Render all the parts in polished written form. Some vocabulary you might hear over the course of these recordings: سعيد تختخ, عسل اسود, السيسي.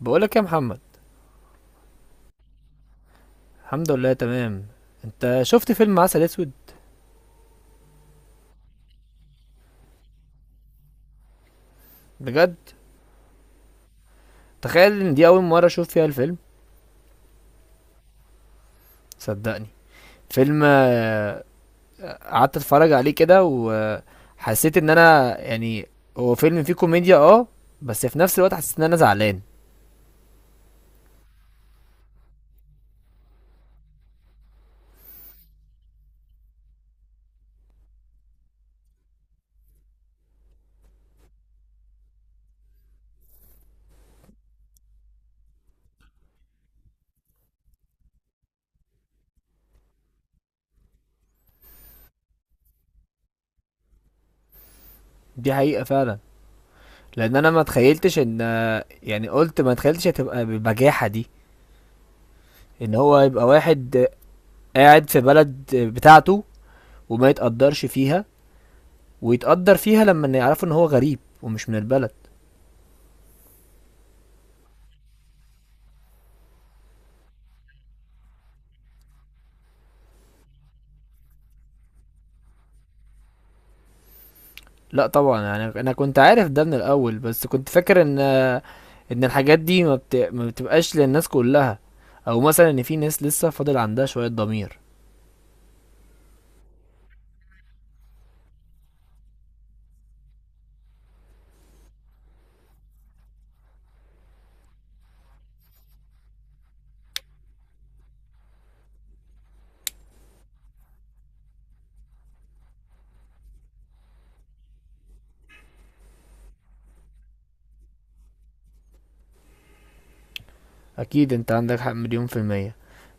بقولك يا محمد. الحمد لله تمام. انت شفت فيلم عسل اسود؟ بجد، تخيل ان دي اول مره اشوف فيها الفيلم. صدقني فيلم، قعدت اتفرج عليه كده وحسيت ان انا يعني هو فيلم فيه كوميديا، بس في نفس الوقت حسيت ان انا زعلان. دي حقيقه فعلا، لان انا ما تخيلتش يعني قلت ما تخيلتش هتبقى بالبجاحه دي، ان هو يبقى واحد، قاعد في بلد، بتاعته وما يتقدرش فيها ويتقدر فيها لما يعرفوا ان هو غريب ومش من البلد. لا طبعا، يعني انا كنت عارف ده من الاول بس كنت فاكر ان الحاجات دي ما بتبقاش للناس كلها، او مثلا ان في ناس لسه فاضل عندها شوية ضمير. اكيد انت عندك حق مليون في المية،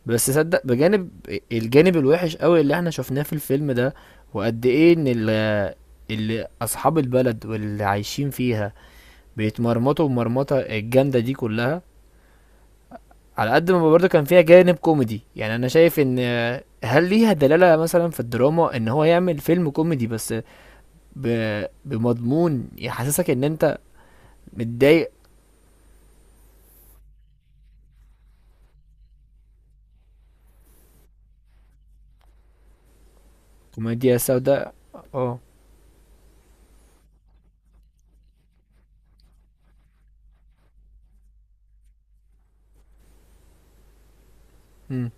بس صدق بجانب الجانب الوحش قوي اللي احنا شفناه في الفيلم ده، وقد ايه ان اللي اصحاب البلد واللي عايشين فيها بيتمرمطوا المرمطة الجامدة دي كلها. على قد ما برضه كان فيها جانب كوميدي، يعني انا شايف ان، هل ليها دلالة مثلا في الدراما ان هو يعمل فيلم كوميدي بس ب... بمضمون يحسسك ان انت متضايق. كوميديا سوداء، اه. أمم،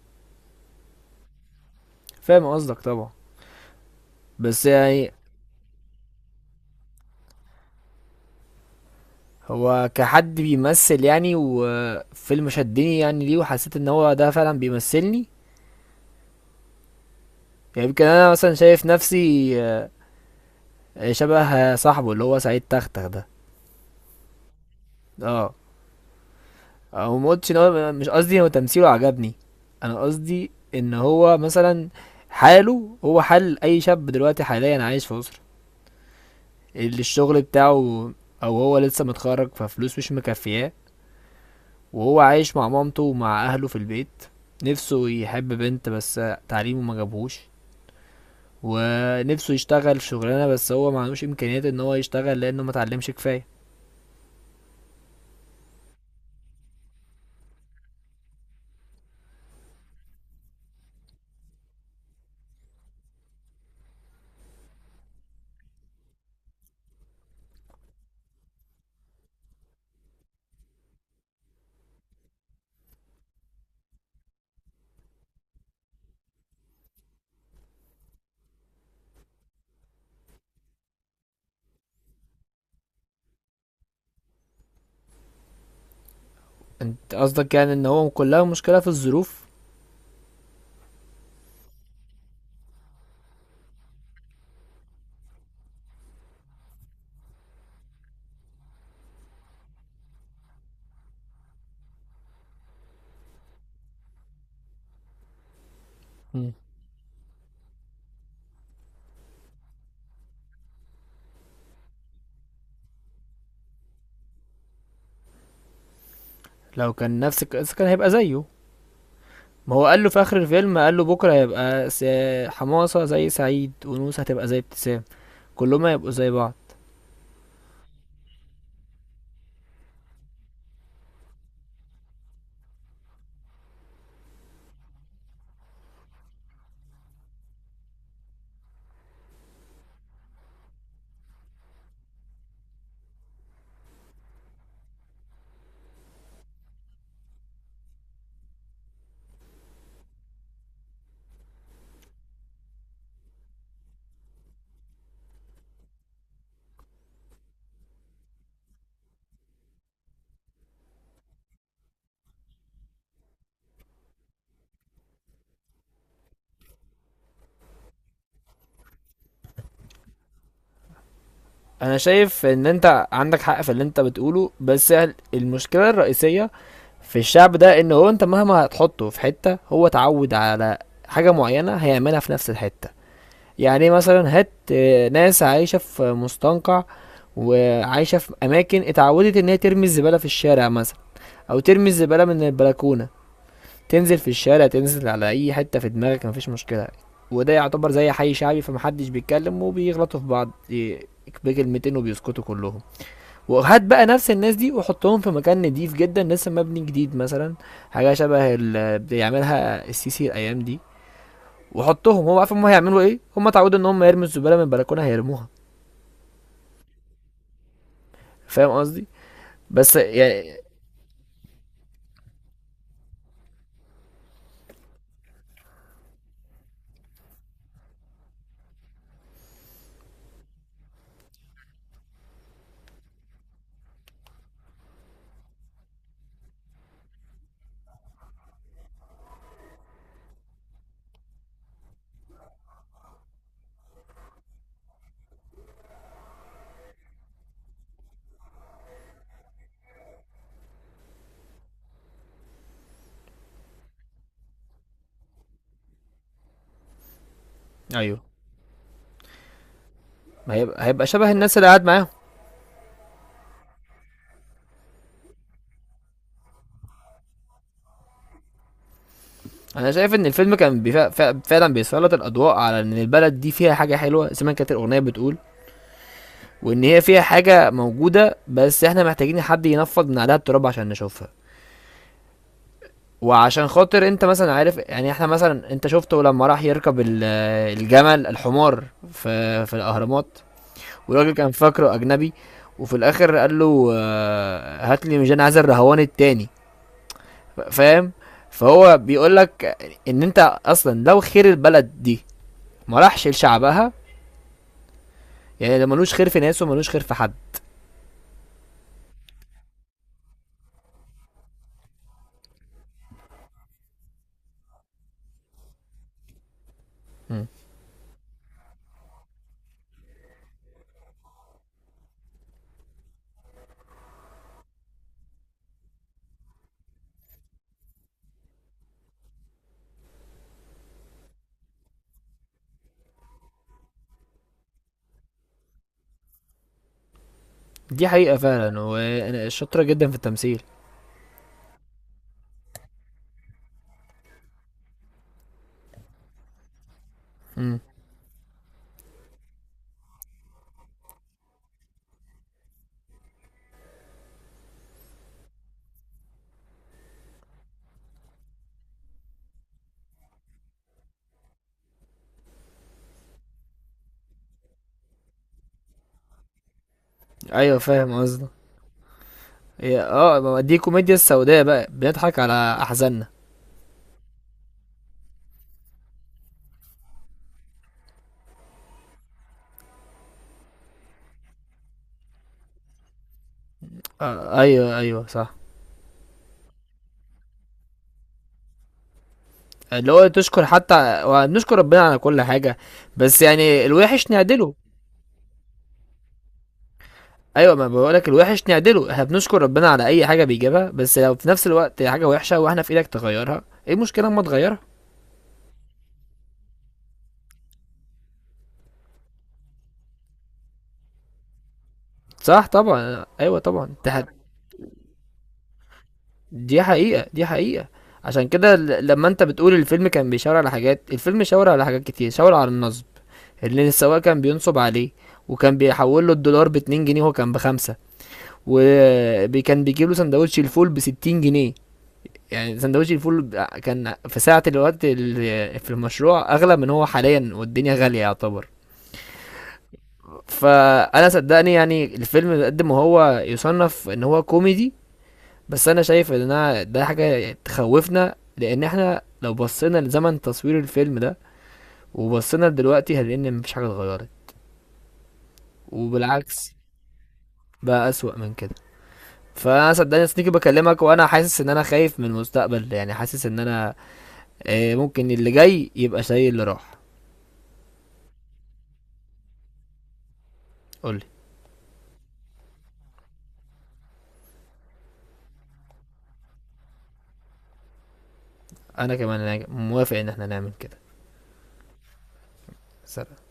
فاهم قصدك طبعا، بس يعني هو كحد بيمثل، يعني وفيلم شدني يعني ليه وحسيت ان هو ده فعلا بيمثلني. يعني يمكن انا مثلا شايف نفسي، شبه صاحبه اللي هو سعيد تختخ ده. اه، او ما قلتش ان هو، مش قصدي هو تمثيله عجبني. انا قصدي ان هو مثلا حاله هو حال اي شاب دلوقتي حاليا عايش في مصر، اللي الشغل بتاعه، او هو لسه متخرج ففلوس مش مكفياه، وهو عايش مع مامته ومع اهله في البيت، نفسه يحب بنت بس تعليمه ما جابهوش، ونفسه يشتغل في شغلانه بس هو ما عندوش امكانيات ان هو يشتغل لانه ما اتعلمش كفايه. انت قصدك يعني ان هو كلها مشكله في الظروف؟ مم. لو كان نفس القصه كان هيبقى زيه، ما هو قال له في اخر الفيلم، قال له بكره هيبقى حماصه زي سعيد، ونوسه هتبقى زي ابتسام، كلهم هيبقوا زي بعض. انا شايف ان انت عندك حق في اللي انت بتقوله، بس المشكله الرئيسيه في الشعب ده ان هو انت مهما هتحطه في حته هو اتعود على حاجه معينه هيعملها في نفس الحته. يعني مثلا هات، ناس عايشه في مستنقع، وعايشه في اماكن اتعودت ان هي ترمي الزباله في الشارع مثلا، او ترمي الزباله من البلكونه، تنزل في الشارع، تنزل على اي حتة في دماغك، مفيش مشكلة. وده يعتبر زي حي شعبي، فمحدش بيتكلم، وبيغلطوا في بعض، بكلمتين وبيسكتوا كلهم. وهات بقى نفس الناس دي وحطهم في مكان نضيف جدا، لسه مبني جديد مثلا، حاجة شبه اللي بيعملها السيسي الايام دي، وحطهم، هو عارف هم هيعملوا ايه، هم اتعودوا ان هم يرموا الزبالة من البلكونة هيرموها. فاهم قصدي، بس يعني. ايوه، ما هيبقى شبه الناس اللي قاعد معاهم. انا شايف ان الفيلم كان فعلا بيسلط الاضواء على ان البلد دي فيها حاجه حلوه زي ما كانت الاغنيه بتقول، وان هي فيها حاجه موجوده بس احنا محتاجين حد ينفض من عليها التراب عشان نشوفها. وعشان خاطر انت مثلا عارف، يعني احنا مثلا انت شفته لما راح يركب الجمل، الحمار، في الاهرامات، والراجل كان فاكره اجنبي. وفي الاخر قال له، هات لي، مش انا عايز الرهوان التاني. فاهم؟ فهو بيقول لك ان انت اصلا لو خير البلد دي ما راحش لشعبها، يعني ده ملوش خير في ناس وملوش خير في حد. مم. دي حقيقة فعلا، وانا شاطرة جدا في التمثيل. مم. ايوه فاهم قصدك. اه، ما دي كوميديا السوداء بقى، بنضحك على احزاننا. آه ايوه ايوه صح، اللي هو تشكر حتى ونشكر ربنا على كل حاجة، بس يعني الوحش نعدله. ايوه، ما بقولك الوحش نعدله، احنا بنشكر ربنا على اي حاجة بيجيبها، بس لو في نفس الوقت حاجة وحشة واحنا في ايدك تغيرها، ايه المشكلة اما تغيرها؟ صح طبعا، ايوه طبعا انت. دي حقيقة، دي حقيقة. عشان كده لما انت بتقول الفيلم كان بيشاور على حاجات، الفيلم شاور على حاجات كتير، شاور على النصب اللي السواق كان بينصب عليه، وكان بيحول له الدولار بـ 2 جنيه وهو كان بـ 5، وكان بيجيب له سندوتش الفول بـ 60 جنيه. يعني سندوتش الفول كان في ساعة الوقت في المشروع أغلى من هو حاليا، والدنيا غالية يعتبر. فأنا صدقني يعني الفيلم قد ما هو يصنف إن هو كوميدي، بس انا شايف ان انا ده حاجه تخوفنا، لان احنا لو بصينا لزمن تصوير الفيلم ده وبصينا لدلوقتي هنلاقي ان مفيش حاجه اتغيرت، وبالعكس بقى اسوأ من كده. فانا صدقني سنيكي، بكلمك وانا حاسس ان انا خايف من المستقبل، يعني حاسس ان انا ممكن اللي جاي يبقى زي اللي راح. قولي. انا كمان أنا موافق ان احنا نعمل كده. سلام.